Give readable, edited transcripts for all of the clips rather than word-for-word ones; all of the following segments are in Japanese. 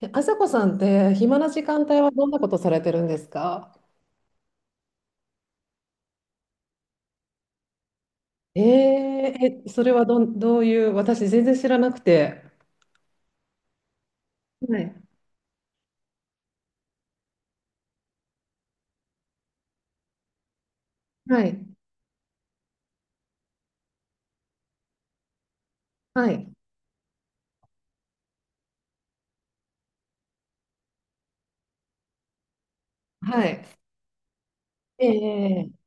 え、あさこさんって暇な時間帯はどんなことされてるんですか？それはどういう、私全然知らなくて。はい、はい、はい、はい。ええ。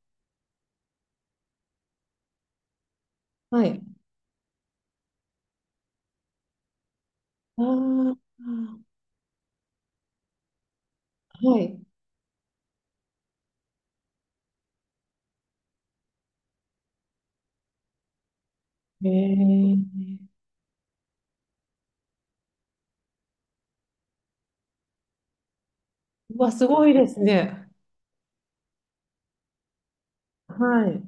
はい。あー、あー、はい。ええ。うわ、すごいですね。はい。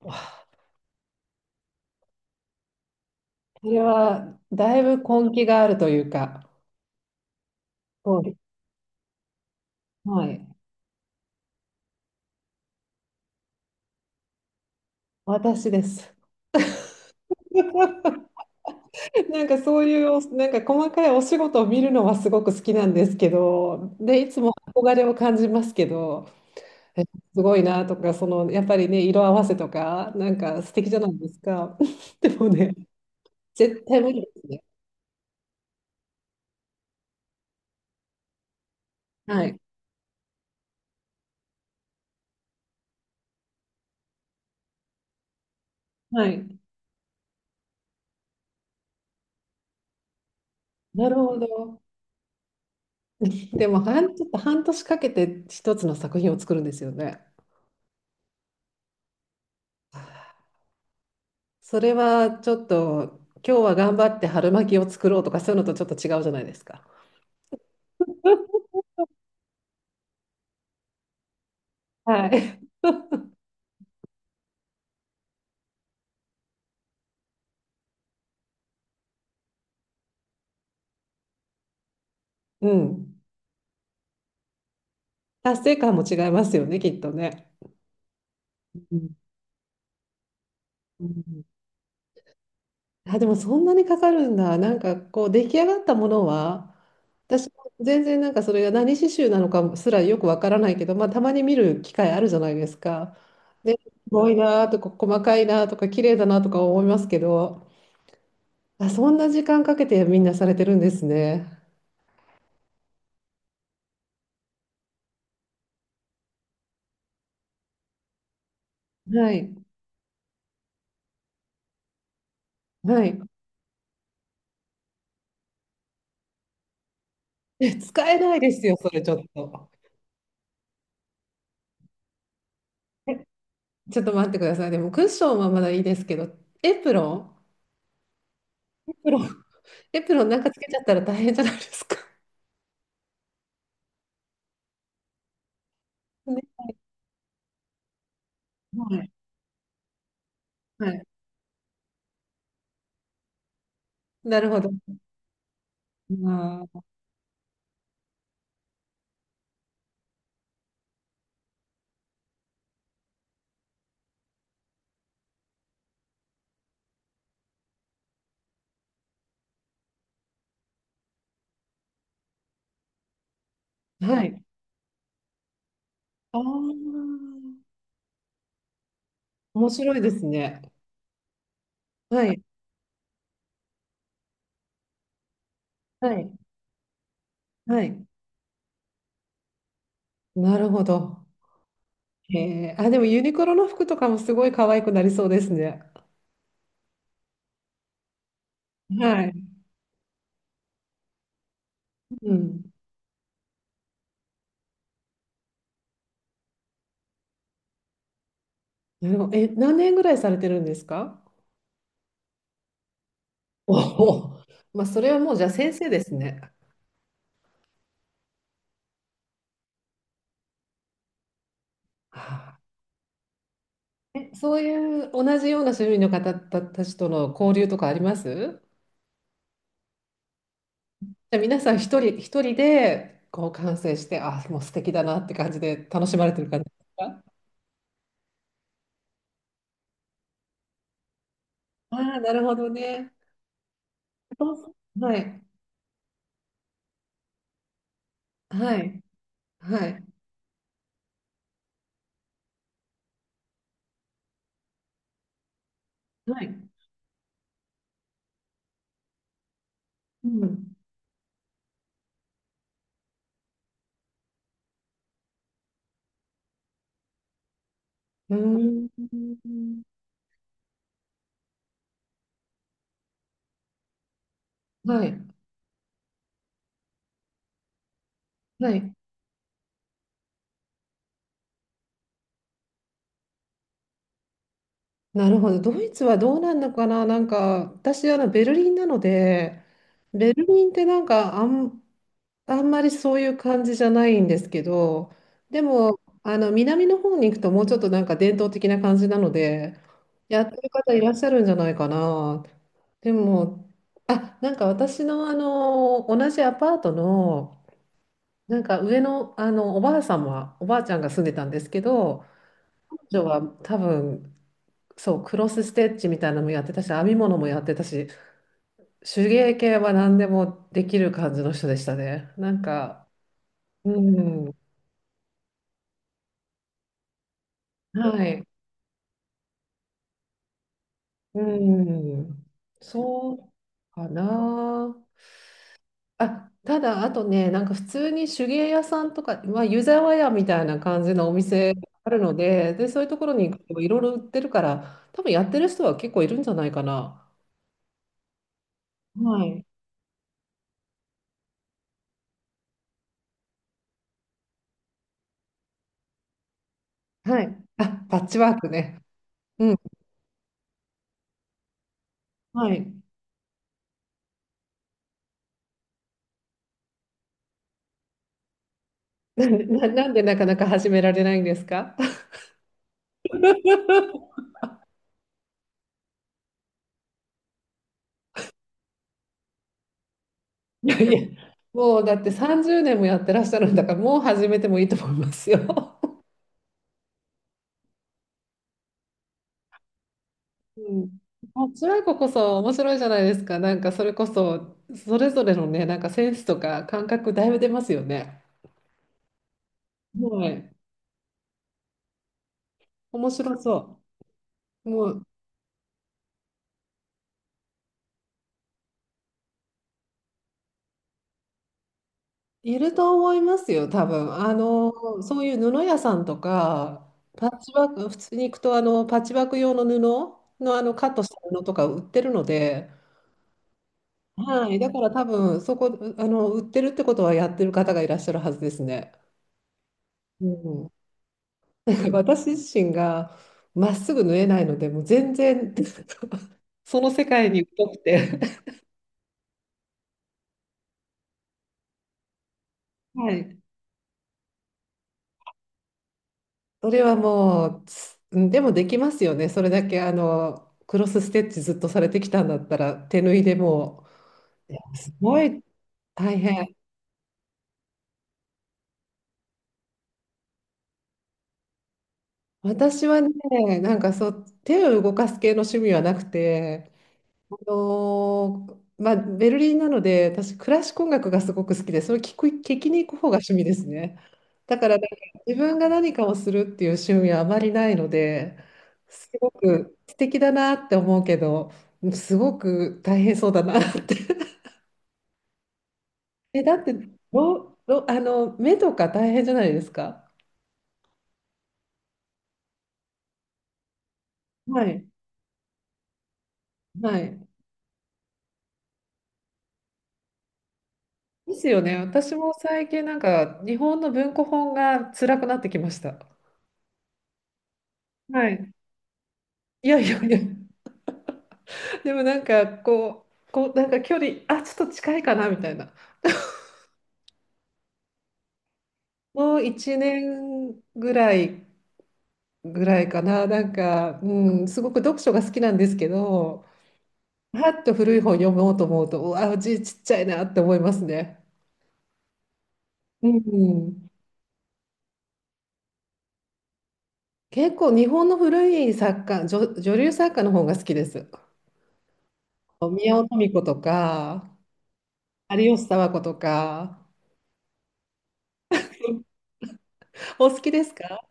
わあ。それは、だいぶ根気があるというか、そうです。はい。私です。なんかそういうなんか細かいお仕事を見るのはすごく好きなんですけど、で、いつも憧れを感じますけど、えすごいなとか、そのやっぱりね、色合わせとか、なんか素敵じゃないですか。でもね、絶対無理ですね。はい。はい。なるほど。でもちょっと半年かけて一つの作品を作るんですよね。それはちょっと、今日は頑張って春巻きを作ろうとか、そういうのとちょっと違うじゃないですか。はい。うん。達成感も違いますよね、きっとね。うん、うん。あ、でもそんなにかかるんだ。なんかこう出来上がったものは、私も全然なんかそれが何刺繍なのかすらよくわからないけど、まあ、たまに見る機会あるじゃないですか。で、すごいなとか細かいなとか綺麗だなとか思いますけど、あ、そんな時間かけてみんなされてるんですね。はい。はい。え、使えないですよ、それちょっと。ちょっと待ってください。でもクッションはまだいいですけど、エプロン。エプロン。エプロンなんかつけちゃったら大変じゃないですか。ね。はい。はい。なるほど。あー、はい。ああ、面白いですね。はい。はい。はい。なるほど。へえ。あ、でもユニクロの服とかもすごい可愛くなりそうですね。はい。うん。なるほど。え、何年ぐらいされてるんですか？お。お、まあ、それはもうじゃあ先生ですね。はあ。え、そういう同じような種類の方たちとの交流とかあります？じゃあ皆さん一人一人でこう完成して、あ、もう素敵だなって感じで楽しまれてる感じですか？ああ、なるほどね。そうそう。はい。はい。はい。はい。うん。うーん。はい。はい。なるほど。ドイツはどうなんのかな。なんか、私、ベルリンなので、ベルリンってなんか、あんまりそういう感じじゃないんですけど、でも、南の方に行くともうちょっとなんか伝統的な感じなので、やってる方いらっしゃるんじゃないかな。でも、あ、なんか私の同じアパートの、なんか上の、おばあさんは、おばあちゃんが住んでたんですけど、彼女は多分、そう、クロスステッチみたいなのもやってたし、編み物もやってたし、手芸系は何でもできる感じの人でしたね。なんか、うん。はい。うん、そうかな。あ、ただ、あとね、なんか普通に手芸屋さんとか、まあ、湯沢屋みたいな感じのお店あるので、で、そういうところに行くといろいろ売ってるから、多分やってる人は結構いるんじゃないかな。はい。はい。あ、パッチワークね。うん。はい。なんでなかなか始められないんですか？ いやいや、もうだって30年もやってらっしゃるんだから、もう始めてもいいと思いますよ。うん、あ、辛いここそ面白いじゃないですか。なんかそれこそそれぞれのね、なんかセンスとか感覚だいぶ出ますよね。はい。面白そう。もういると思いますよ、多分。そういう布屋さんとか、パッチワーク、普通に行くとあのパッチワーク用の布の、あのカットした布とか売ってるので、はい。だから多分そこ、売ってるってことはやってる方がいらっしゃるはずですね。うん。私自身がまっすぐ縫えないので、もう全然 その世界に疎くて。はい。それはもう、うんでもできますよね。それだけあのクロスステッチずっとされてきたんだったら、手縫いでもう、いやすごい大変。私はね、なんかそう、手を動かす系の趣味はなくて、まあ、ベルリンなので私クラシック音楽がすごく好きでそれを聞きに行く方が趣味ですね。だからなんか自分が何かをするっていう趣味はあまりないので、すごく素敵だなって思うけど、すごく大変そうだなって。 だってあの目とか大変じゃないですか？はい。はい。ですよね。私も最近なんか日本の文庫本が辛くなってきました。はい。いやいやいや。でもなんかこうなんか距離、あ、ちょっと近いかなみたいな。もう1年ぐらいかな。なんか、うん、すごく読書が好きなんですけど、はっと古い本読もうと思うと、うわ、字ちっちゃいなって思いますね。うん。結構日本の古い作家、女流作家の方が好きです。宮尾登美子とか、有吉佐和子とか。お好きですか？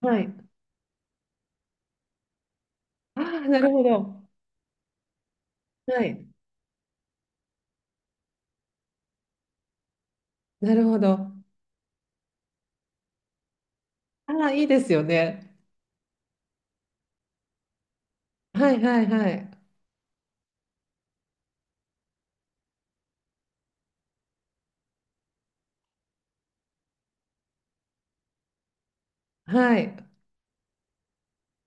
はい。ああ、なるほど。はい。なるほど。ああ、いいですよね。はいはいはい。はい。